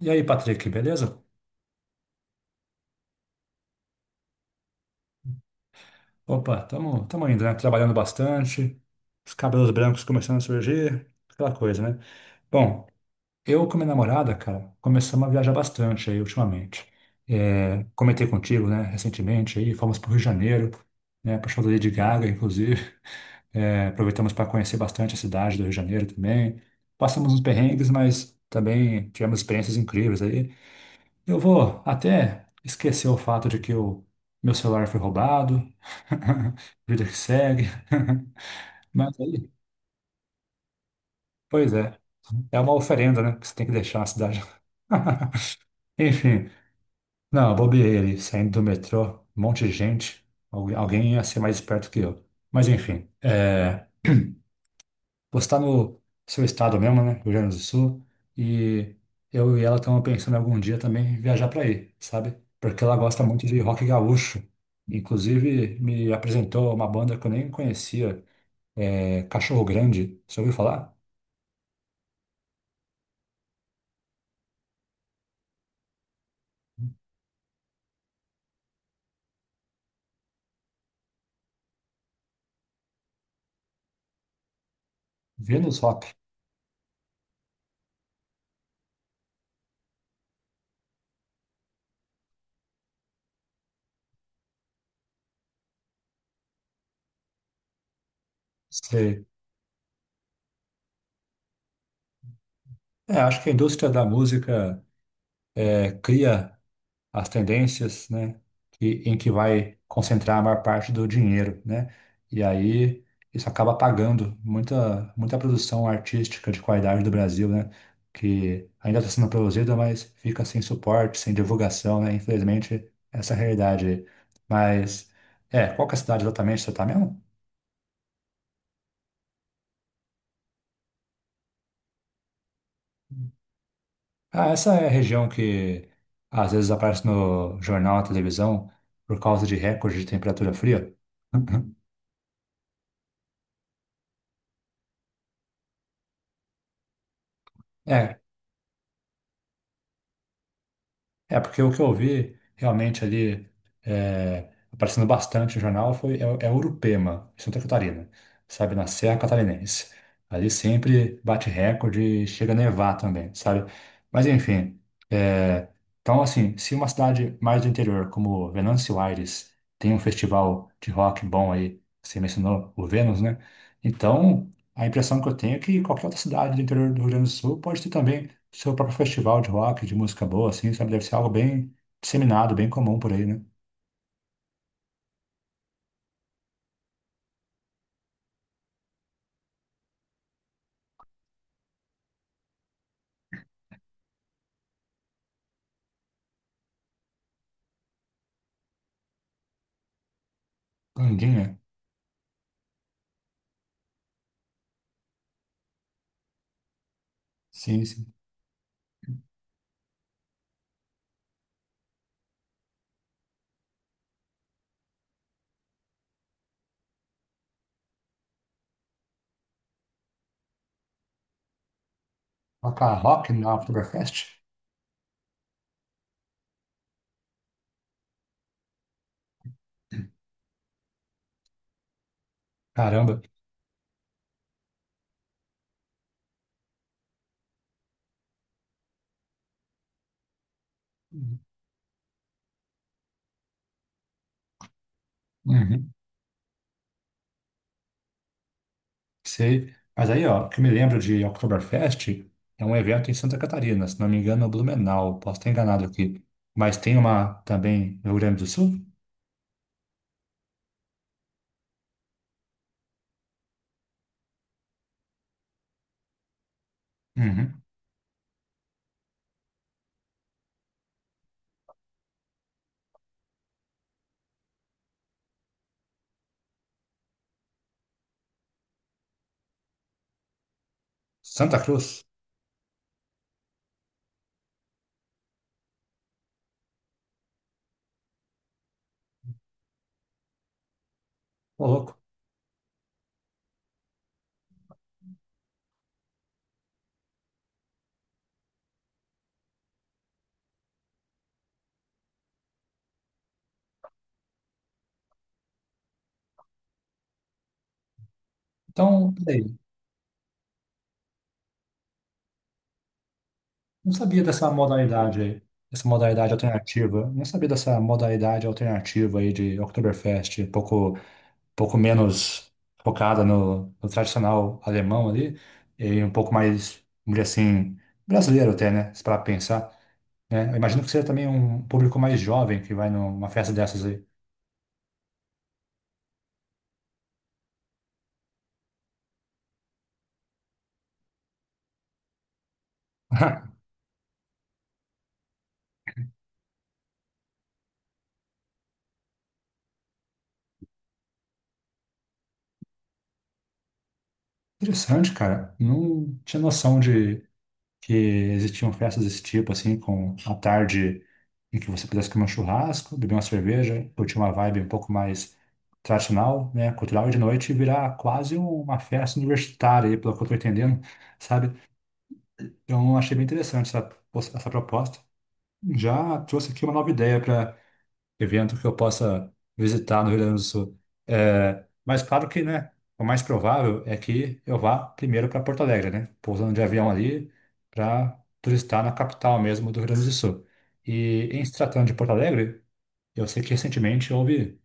E aí, Patrick, beleza? Opa, tamo indo, né? Trabalhando bastante, os cabelos brancos começando a surgir, aquela coisa, né? Bom, eu com minha namorada, cara, começamos a viajar bastante aí ultimamente. Comentei contigo, né, recentemente aí, fomos pro Rio de Janeiro, né, pro show da Lady Gaga, inclusive. Aproveitamos para conhecer bastante a cidade do Rio de Janeiro também. Passamos uns perrengues, mas também tivemos experiências incríveis aí. Eu vou até esquecer o fato de que o meu celular foi roubado, vida que segue. Mas aí, pois é, é uma oferenda, né? Que você tem que deixar na cidade. Enfim, não, eu bobeei ali, saindo do metrô, um monte de gente. Alguém ia ser mais esperto que eu. Mas enfim, postar no seu estado mesmo, né? Rio Grande do Sul. E eu e ela estamos pensando em algum dia também viajar para aí, sabe? Porque ela gosta muito de rock gaúcho. Inclusive, me apresentou uma banda que eu nem conhecia, é Cachorro Grande. Você ouviu falar? Vênus Rock. Você... É, acho que a indústria da música cria as tendências, né, que, em que vai concentrar a maior parte do dinheiro, né? E aí isso acaba apagando muita produção artística de qualidade do Brasil, né? Que ainda está sendo produzida, mas fica sem suporte, sem divulgação, né? Infelizmente, essa é a realidade aí. Mas, qual que é a cidade exatamente que você está mesmo? Ah, essa é a região que às vezes aparece no jornal, na televisão, por causa de recorde de temperatura fria. É. É, porque o que eu vi realmente ali aparecendo bastante no jornal foi é Urupema, em Santa Catarina, sabe, na Serra Catarinense. Ali sempre bate recorde e chega a nevar também, sabe? Mas enfim, é, então assim, se uma cidade mais do interior, como Venâncio Aires, tem um festival de rock bom aí, você mencionou o Vênus, né? Então, a impressão que eu tenho é que qualquer outra cidade do interior do Rio Grande do Sul pode ter também seu próprio festival de rock, de música boa, assim, sabe? Deve ser algo bem disseminado, bem comum por aí, né? Candinha? Sim, sim. Toca rock na Oktoberfest? Caramba. Uhum, sei. Mas aí, ó, o que eu me lembro de Oktoberfest é um evento em Santa Catarina, se não me engano, no Blumenau, posso estar enganado aqui. Mas tem uma também no Rio Grande do Sul? Uhum. Santa Cruz? Ô, louco. Então, peraí. Não sabia dessa modalidade aí, dessa modalidade alternativa. Não sabia dessa modalidade alternativa aí de Oktoberfest, pouco, pouco menos focada no, no tradicional alemão ali, e um pouco mais, vamos dizer assim, brasileiro até, né? Se para pensar, né? Eu imagino que seja também um público mais jovem que vai numa festa dessas aí. Interessante, cara. Não tinha noção de que existiam festas desse tipo, assim, com a tarde em que você pudesse comer um churrasco, beber uma cerveja, curtir uma vibe um pouco mais tradicional, né, cultural, e de noite virar quase uma festa universitária, aí, pelo que eu tô entendendo, sabe? Então, achei bem interessante essa, essa proposta. Já trouxe aqui uma nova ideia para evento que eu possa visitar no Rio Grande do Sul. Mas claro que, né, o mais provável é que eu vá primeiro para Porto Alegre, né, pousando de avião ali para turistar na capital mesmo do Rio Grande do Sul. E em se tratando de Porto Alegre, eu sei que recentemente houve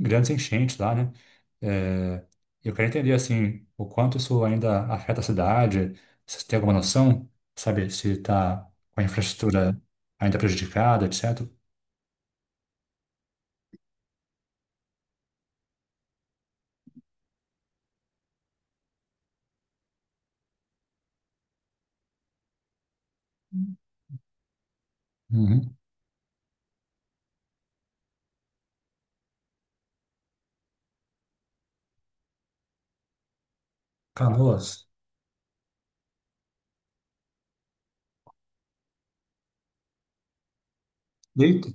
grandes enchentes lá, né? É, eu quero entender assim o quanto isso ainda afeta a cidade, se você tem alguma noção, sabe, se está com a infraestrutura ainda prejudicada, etc. Uhum. Canoas. Eita,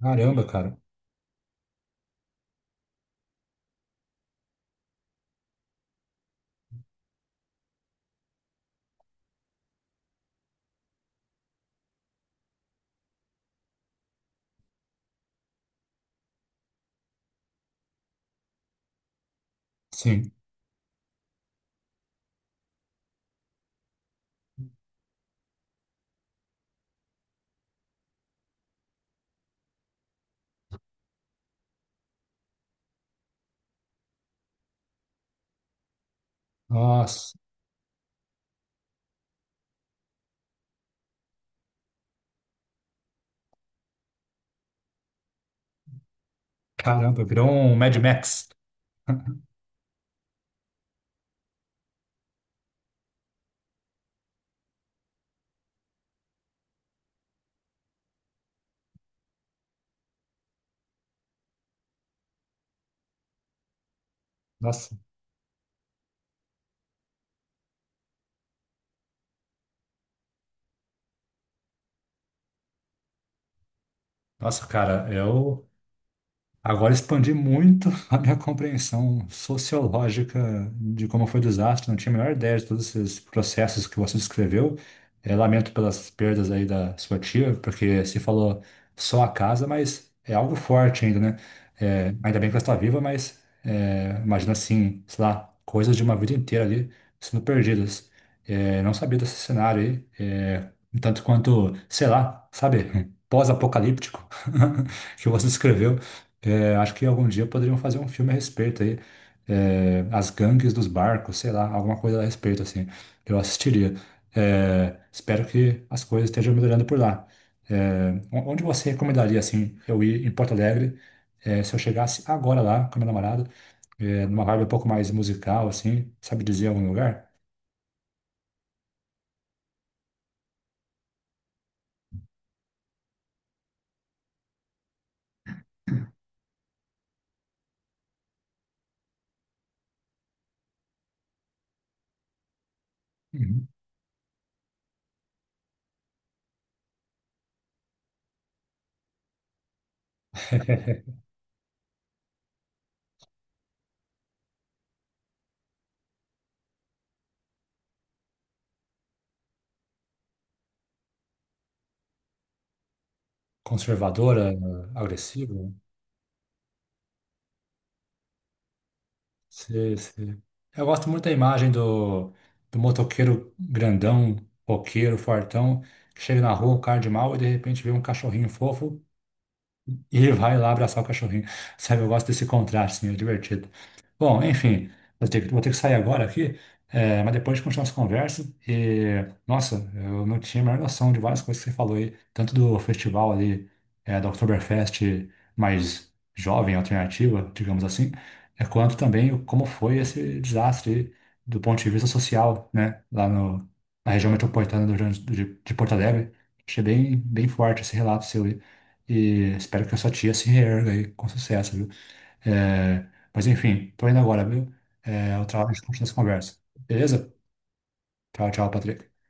caramba, cara. Sim. Nossa, caramba, virou um Mad Max. Nossa, nossa, cara, eu agora expandi muito a minha compreensão sociológica de como foi o desastre. Não tinha a menor ideia de todos esses processos que você descreveu. Lamento pelas perdas aí da sua tia, porque se falou só a casa, mas é algo forte ainda, né? Ainda bem que ela está viva, mas imagina assim, sei lá, coisas de uma vida inteira ali sendo perdidas. Não sabia desse cenário aí, tanto quanto, sei lá, sabe, pós-apocalíptico que você descreveu. É, acho que algum dia poderiam fazer um filme a respeito aí. É, as gangues dos barcos, sei lá, alguma coisa a respeito, assim. Eu assistiria. É, espero que as coisas estejam melhorando por lá. Onde você recomendaria, assim, eu ir em Porto Alegre, se eu chegasse agora lá com a minha namorada, numa vibe um pouco mais musical, assim, sabe dizer algum lugar? Uhum. Conservadora, agressiva? Sei, sei. Eu gosto muito da imagem do, do motoqueiro grandão, roqueiro, fortão, que chega na rua, o cara de mal, e de repente vê um cachorrinho fofo, e vai lá abraçar o cachorrinho. Sabe, eu gosto desse contraste, assim, é divertido. Bom, enfim, vou ter que sair agora aqui, mas depois a gente continua essa conversa. E, nossa, eu não tinha a menor noção de várias coisas que você falou aí, tanto do festival ali, da Oktoberfest mais jovem, alternativa, digamos assim, como foi esse desastre aí, do ponto de vista social, né, lá no, na região metropolitana do Rio Grande do- de Porto Alegre. Achei bem, bem forte esse relato seu aí. E espero que a sua tia se reerga aí com sucesso, viu? É, mas enfim, tô indo agora, viu? É, o trabalho a gente continua essa conversa. Beleza? Tchau, tchau, Patrick.